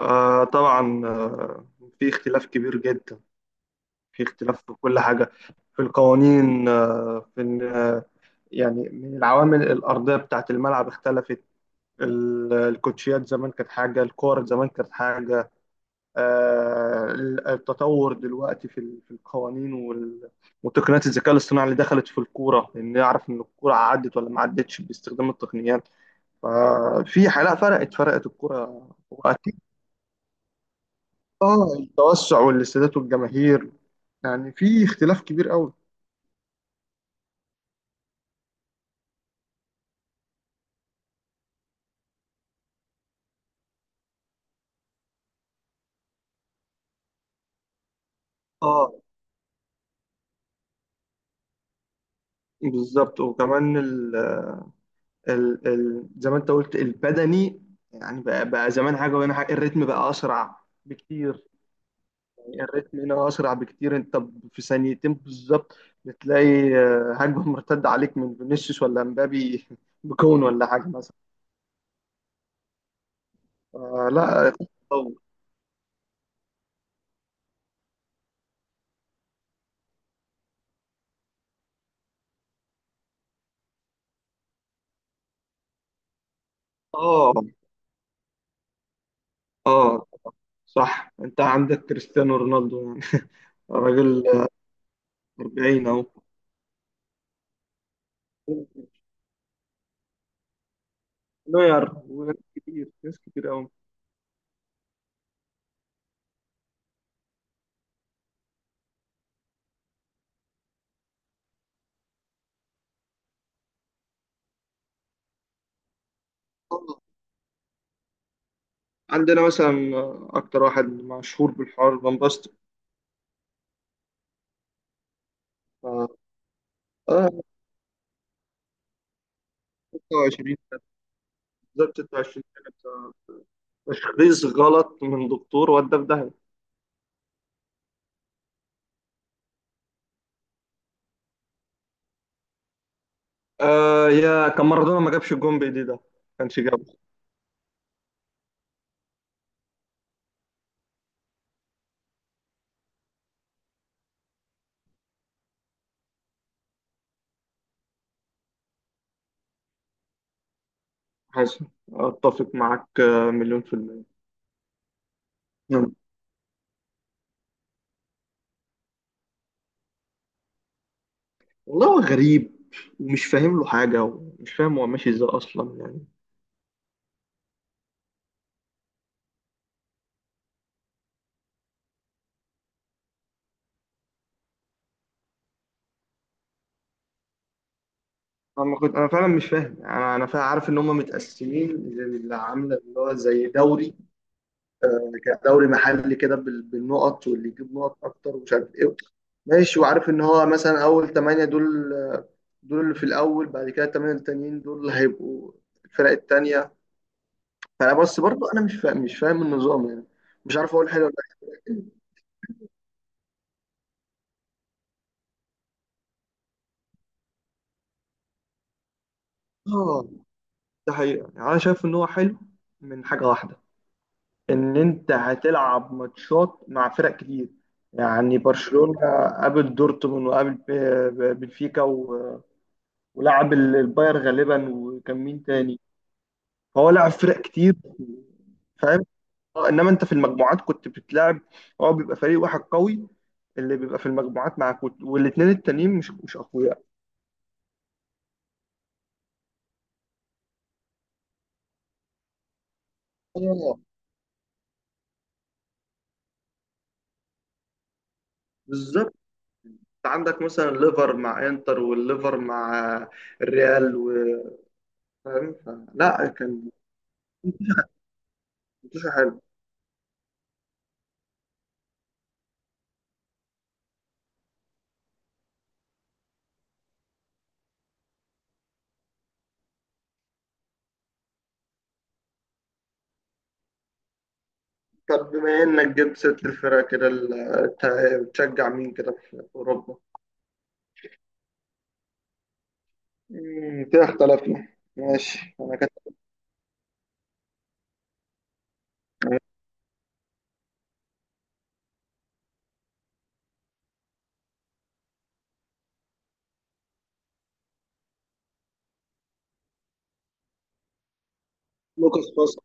آه طبعا. في اختلاف كبير جدا، في اختلاف في كل حاجة، في القوانين، آه في ال- آه، يعني من العوامل الأرضية بتاعة الملعب اختلفت. الكوتشيات زمان كانت حاجة، الكور زمان كانت حاجة. التطور دلوقتي في، في القوانين وتقنيات الذكاء الاصطناعي اللي دخلت في الكورة، إن نعرف إن الكورة عدت ولا ما عدتش باستخدام التقنيات. ففي حالة فرقت الكورة. اه، التوسع والاستادات والجماهير، يعني في اختلاف كبير قوي. اه، بالظبط. وكمان ال زي ما انت قلت البدني، يعني بقى زمان حاجه وهنا حاجه، الريتم بقى اسرع بكتير. يعني الريتم هنا اسرع بكتير. انت في ثانيتين بالظبط بتلاقي هجمه مرتده عليك من فينيسيوس ولا مبابي بكون، ولا حاجه مثلا. آه لا، تطور. اه اه صح، انت عندك كريستيانو رونالدو يعني راجل 40 اهو. نوير وناس كتير، ناس كتير قوي. عندنا مثلا اكتر واحد مشهور بالحوار فان باستن، اه 26، بالظبط 26 سنه بتاع. تشخيص غلط من دكتور، ودى في داهيه. آه، يا كان مارادونا ما جابش الجون بايديه، ده ما كانش جابه. حسن، اتفق معاك مليون في المية. نعم. والله هو غريب، ومش فاهم له حاجة، ومش فاهم هو ماشي ازاي أصلا يعني. انا فعلا مش فاهم. انا فعلا عارف ان هم متقسمين، اللي عامله اللي هو زي دوري، دوري محلي كده بالنقط، واللي يجيب نقط اكتر ومش عارف ايه. ماشي، وعارف ان هو مثلا اول ثمانية دول، اللي في الاول. بعد كده الثمانية التانيين دول اللي هيبقوا الفرق التانية. فانا بس برضه انا مش فاهم النظام يعني. مش عارف اقول حلو ولا لا. اه، ده حقيقة يعني، انا شايف ان هو حلو من حاجة واحدة، ان انت هتلعب ماتشات مع فرق كتير. يعني برشلونة قابل دورتموند، وقابل بنفيكا، ولعب الباير غالبا، وكان مين تاني. فهو لعب فرق كتير، فاهم. انما انت في المجموعات كنت بتلعب، هو بيبقى فريق واحد قوي اللي بيبقى في المجموعات معاك، والاتنين التانيين مش اقوياء. اه، بالظبط. عندك مثلا ليفر مع انتر، والليفر مع الريال، فاهم. لا، كان ماتش حلو. طب بما انك جبت ست الفرق كده، بتشجع مين كده في اوروبا؟ مم، كده اختلفنا. ماشي، انا كنت... لوكاس باسكت.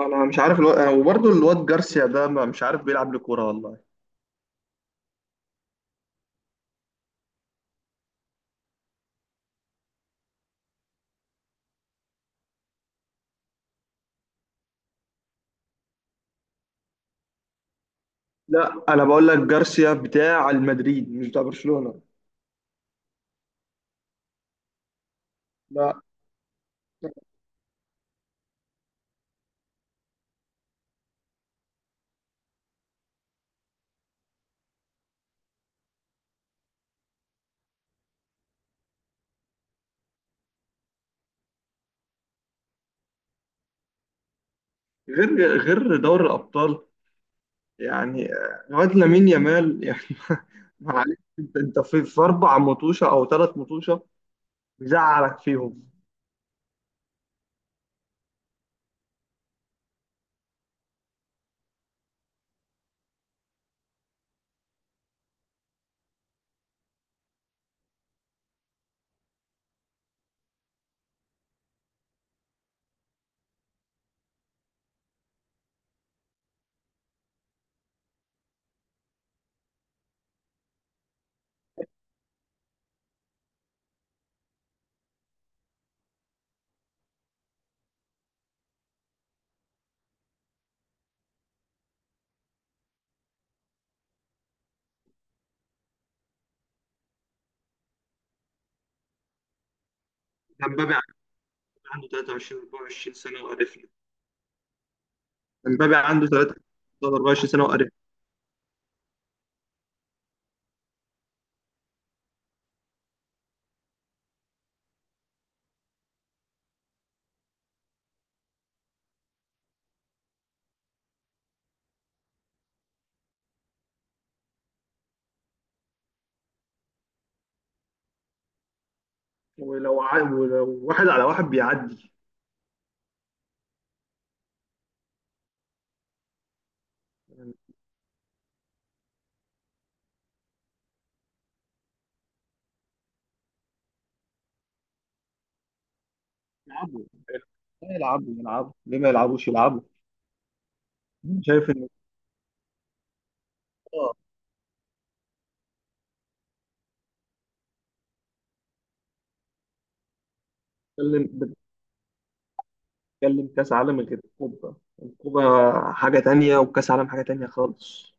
انا مش عارف الو... وبرضه الواد جارسيا ده، مش عارف بيلعب لكوره والله. لا، انا بقول لك جارسيا بتاع المدريد مش بتاع برشلونه. لا. غير غير دوري الابطال يعني. الواد لامين يامال يعني معلش، انت في اربع مطوشه او ثلاث مطوشه مزعلك فيهم. امبابي عنده 23 24 سنة وقرفنا. امبابي عنده 23 24 سنة وقرفنا. ولو واحد على واحد بيعدي يعني. يلعبوا، يلعبوا ليه ما يلعبوش؟ يلعبوا. شايف ان آه، بتتكلم بتتكلم كاس عالم غير الكوبا. الكوبا حاجة تانية وكاس عالم حاجة تانية خالص.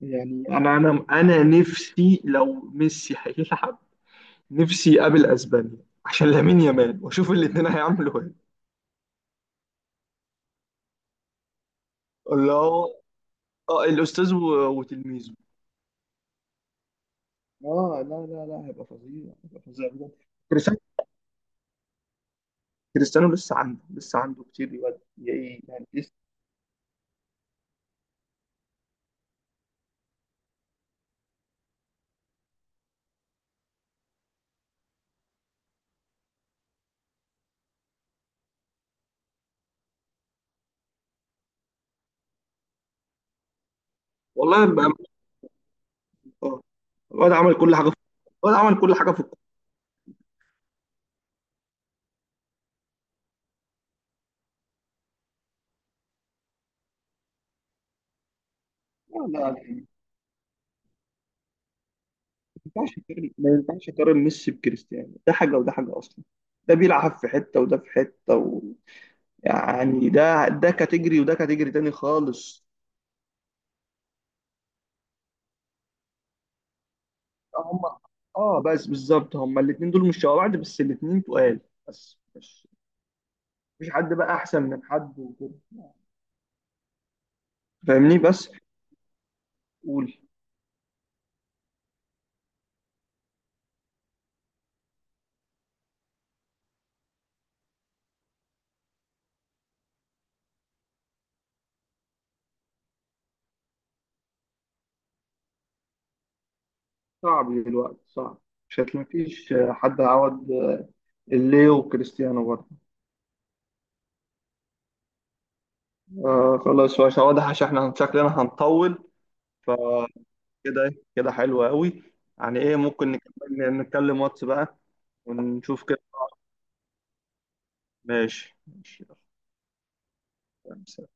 يعني انا نفسي لو ميسي هيلعب، نفسي يقابل اسبانيا عشان لامين يامال، واشوف الاتنين هيعملوا ايه. اللي هو اه الاستاذ وتلميذه. اه لا لا لا، هيبقى فظيع، هيبقى فظيع بجد. كريستيانو. كريستيانو لسه عنده كتير، يود يعني لسه. والله بقى. اه، الواد عمل كل حاجه في الواد عمل كل حاجه في الكوره. لا لا لا، ما ينفعش تقارن ميسي بكريستيانو. ده حاجه وده حاجه اصلا، ده بيلعب في حته وده في حته و... يعني ده كاتيجري وده كاتيجري تاني خالص. هم. اه بس بالظبط، هم الاثنين دول مش شبه بعض، بس الاثنين تقال. بس مش مفيش حد بقى احسن من حد وكده، فاهمني. بس قول. صعب، دلوقتي صعب. مش هتلاقي، مفيش حد هيعوض الليو وكريستيانو برضه. آه خلاص، بس واضح عشان احنا شكلنا هنطول. فكده إيه، كده حلو قوي يعني. ايه، ممكن نكمل نتكلم واتس بقى ونشوف كده. ماشي ماشي. يلا.